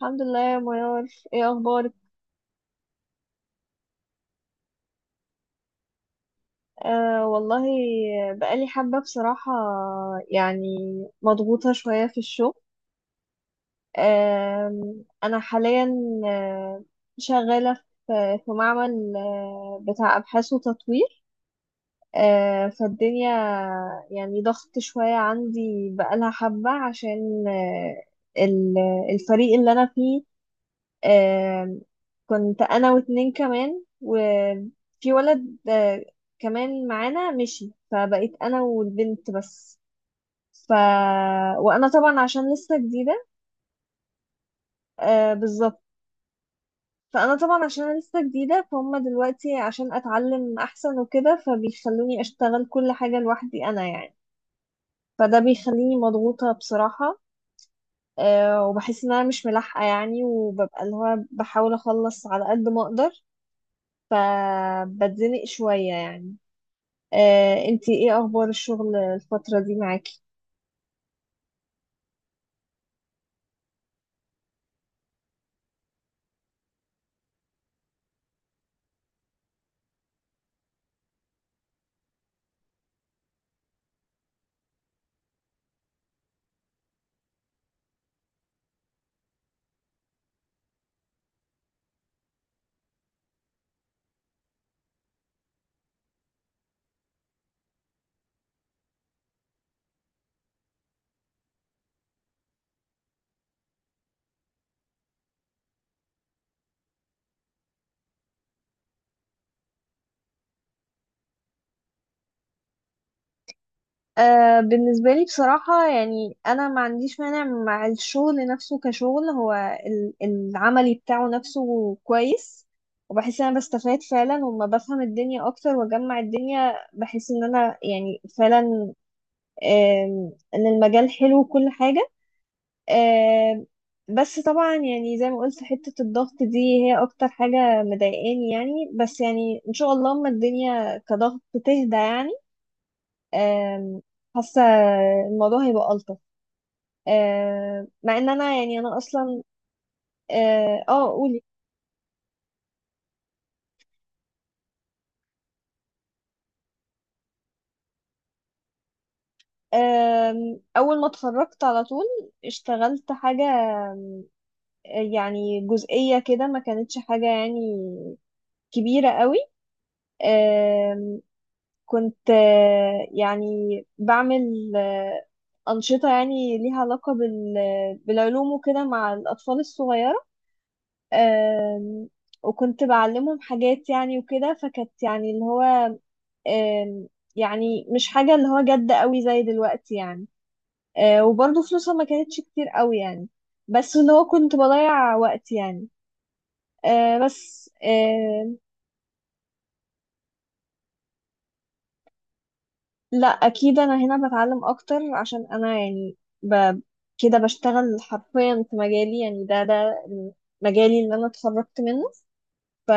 الحمد لله يا منار. ايه اخبارك؟ آه والله، بقالي حبة بصراحة، يعني مضغوطة شوية في الشغل. آه انا حاليا آه، شغالة في معمل بتاع ابحاث وتطوير. فالدنيا يعني ضغط شوية عندي بقالها حبة، عشان آه، ال- الفريق اللي انا فيه. آم، كنت انا واتنين كمان وفي ولد كمان معانا مشي، فبقيت انا والبنت بس. ف وانا طبعا عشان لسه جديده. آه بالظبط. فانا طبعا عشان لسه جديده فهم دلوقتي، عشان اتعلم احسن وكده، فبيخلوني اشتغل كل حاجه لوحدي انا يعني. فده بيخليني مضغوطه بصراحه. وبحس ان انا مش ملاحقه يعني، وببقى اللي هو بحاول اخلص على قد ما اقدر، فبتزنق شويه يعني. انتي ايه اخبار الشغل الفترة دي معاكي؟ بالنسبة لي بصراحة، يعني انا ما عنديش مانع مع الشغل نفسه كشغل. هو العملي بتاعه نفسه كويس، وبحس ان انا بستفاد فعلا، وما بفهم الدنيا اكتر واجمع الدنيا، بحس ان انا يعني فعلا ان المجال حلو وكل حاجة. آه، بس طبعا يعني زي ما قلت، حتة الضغط دي هي أكتر حاجة مضايقاني يعني، بس يعني إن شاء الله أما الدنيا كضغط تهدى يعني، آم، حاسة الموضوع هيبقى ألطف. مع إن أنا يعني أنا أصلا، آه آه، قولي. أول ما اتخرجت على طول اشتغلت حاجة، يعني جزئية كده، ما كانتش حاجة يعني كبيرة قوي. كنت يعني بعمل أنشطة، يعني ليها علاقة بالعلوم وكده مع الأطفال الصغيرة. آم، وكنت بعلمهم حاجات يعني وكده، فكانت يعني اللي هو آم، يعني مش حاجة اللي هو جد قوي زي دلوقتي يعني. وبرضه فلوسها ما كانتش كتير قوي يعني. بس اللي هو كنت بضيع وقت يعني. بس لا، اكيد انا هنا بتعلم اكتر، عشان انا يعني ب... كده بشتغل حرفيا في مجالي يعني. ده مجالي اللي انا اتخرجت منه. ف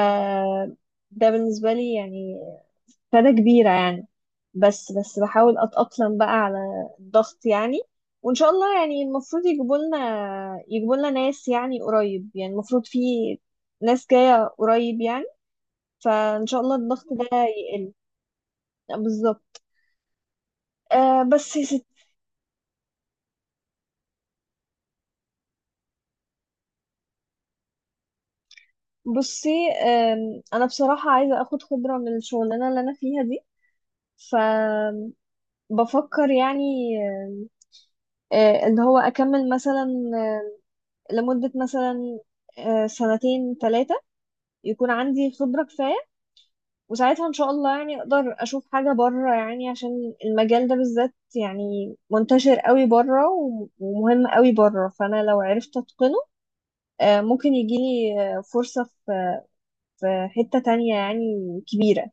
ده بالنسبه لي يعني فايده كبيره يعني. بس بحاول اتاقلم بقى على الضغط يعني. وان شاء الله يعني المفروض يجيبوا لنا، ناس يعني قريب، يعني المفروض في ناس جايه قريب يعني، فان شاء الله الضغط ده يقل. بالظبط. آه بس يا ستي. بصي انا بصراحة عايزة اخد خبرة من الشغلانة اللي انا فيها دي، فبفكر يعني، أم، أه، اللي هو اكمل مثلا أه، لمدة مثلا سنتين 3 يكون عندي خبرة كفاية. وساعتها ان شاء الله يعني اقدر اشوف حاجة بره يعني، عشان المجال ده بالذات يعني منتشر قوي بره ومهم قوي بره، فانا لو عرفت اتقنه ممكن يجيلي فرصة في حتة تانية يعني كبيرة.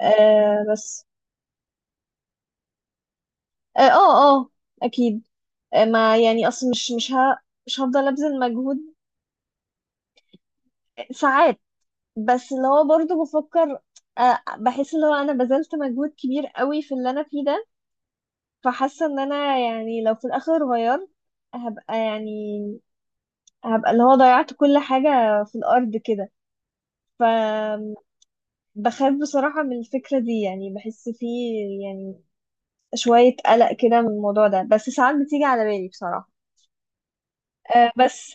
أه بس، اه اه، اكيد. ما يعني اصل مش هفضل ابذل مجهود ساعات. بس اللي هو برضه بفكر، بحس اللي هو انا بذلت مجهود كبير قوي في اللي انا فيه ده. فحاسه ان انا يعني لو في الاخر غيرت، هبقى يعني هبقى اللي هو ضيعت كل حاجه في الارض كده. فبخاف بصراحه من الفكره دي، يعني بحس فيه يعني شويه قلق كده من الموضوع ده، بس ساعات بتيجي على بالي بصراحه. بس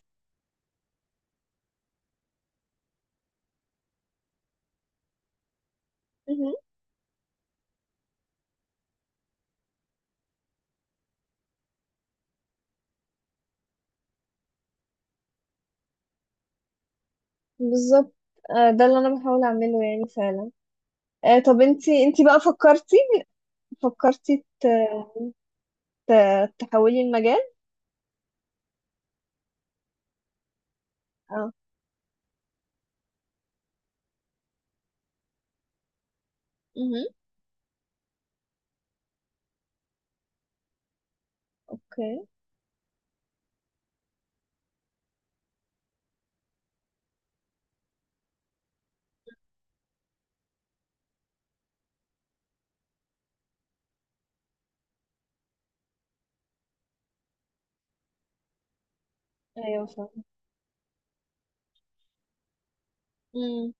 بالظبط. ده اللي انا بحاول اعمله يعني فعلا. طب انتي بقى فكرتي تحولي المجال؟ اه. امم. اوكي. ايوه، فاهمة. امم.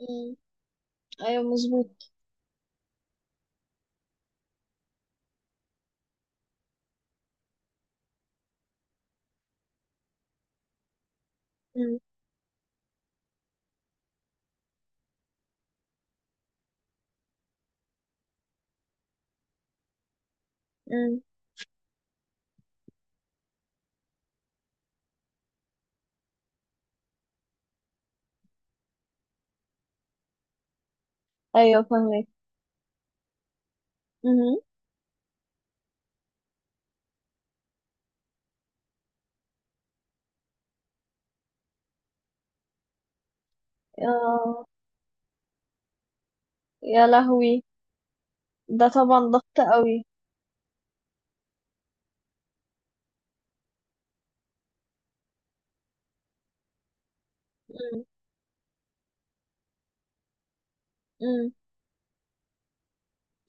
امم. ايوه، مظبوط. امم. امم. ايوه، فاهمك. امم. اه، يا لهوي، ده طبعا ضغط قوي. امم. امم.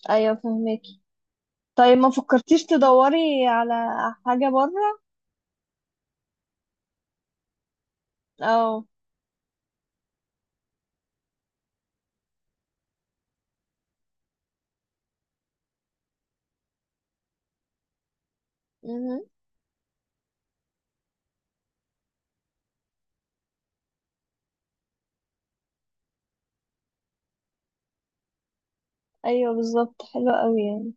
ايوه، فاهمك. طيب، ما فكرتيش تدوري على حاجة بره؟ اه. امم. ايوه بالظبط، حلوة قوي.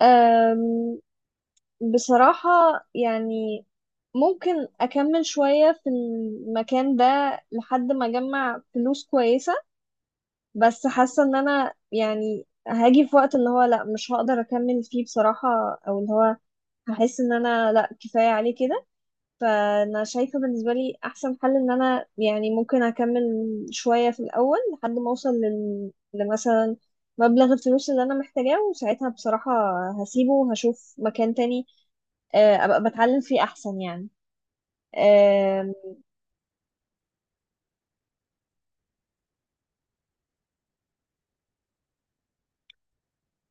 يعني بصراحة، يعني ممكن أكمل شوية في المكان ده، لحد ما أجمع فلوس كويسة، بس حاسة إن أنا يعني هاجي في وقت اللي هو لأ، مش هقدر أكمل فيه بصراحة، أو اللي هو هحس إن أنا لأ، كفاية عليه كده. فأنا شايفة بالنسبة لي أحسن حل إن أنا يعني ممكن أكمل شوية في الأول، لحد ما أوصل لمثلا مبلغ الفلوس اللي أنا محتاجاه، وساعتها بصراحة هسيبه وهشوف مكان تاني. ابقى بتعلم فيه احسن يعني. آم،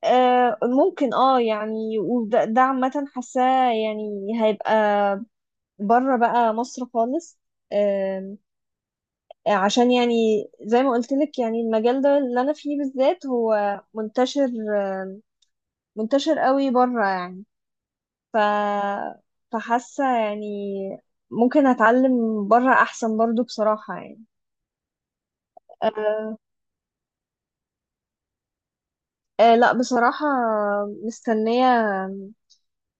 ممكن يعني، وده عامة حاساه يعني، هيبقى بره بقى مصر خالص. آم، عشان يعني زي ما قلت لك يعني، المجال ده اللي انا فيه بالذات هو منتشر، آم، منتشر قوي بره يعني. ف فحاسه يعني ممكن اتعلم بره احسن برضو بصراحة يعني. أه أه لا بصراحة، مستنية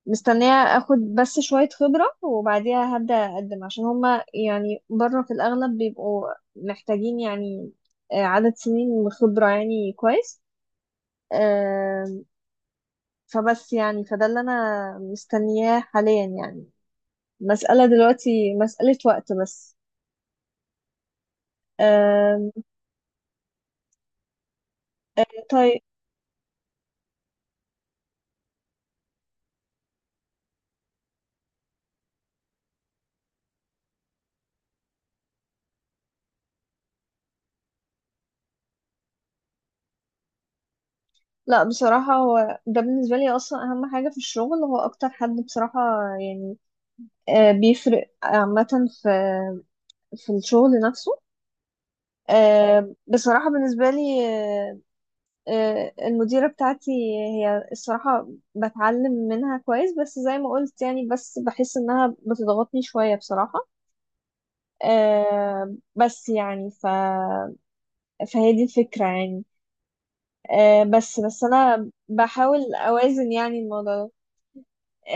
مستنية اخد بس شوية خبرة، وبعديها هبدأ اقدم، عشان هما يعني بره في الاغلب بيبقوا محتاجين يعني عدد سنين خبرة يعني كويس. آم، فبس يعني فده اللي انا مستنياه حاليا يعني، مسألة دلوقتي مسألة وقت بس. آم، طيب. لا بصراحة، هو ده بالنسبة لي أصلا أهم حاجة في الشغل، هو أكتر حد بصراحة يعني بيفرق عامة في في الشغل نفسه. بصراحة بالنسبة لي، آه، المديرة بتاعتي هي الصراحة بتعلم منها كويس، بس زي ما قلت يعني، بس بحس انها بتضغطني شوية بصراحة. بس يعني فهي دي الفكرة يعني. بس انا بحاول اوازن يعني الموضوع ده.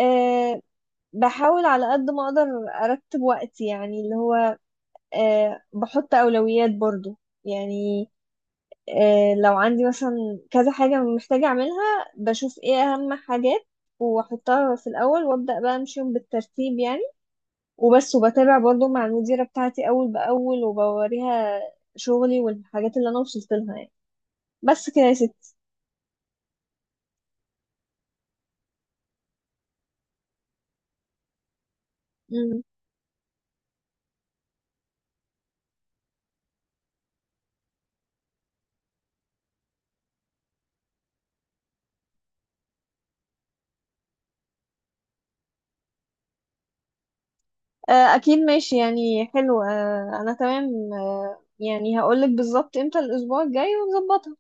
آه، بحاول على قد ما اقدر ارتب وقتي يعني، اللي هو بحط اولويات برضو يعني، لو عندي مثلا كذا حاجة محتاجة أعملها، بشوف إيه أهم حاجات وأحطها في الأول، وأبدأ بقى أمشيهم بالترتيب يعني، وبس وبتابع برضو مع المديرة بتاعتي أول بأول، وبوريها شغلي والحاجات اللي أنا وصلت لها يعني. بس كده يا ستي. مم. أكيد ماشي يعني حلو، أنا تمام، يعني هقولك بالظبط إمتى الأسبوع الجاي ونظبطها.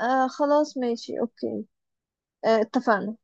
آه خلاص ماشي أوكي. آه اتفقنا.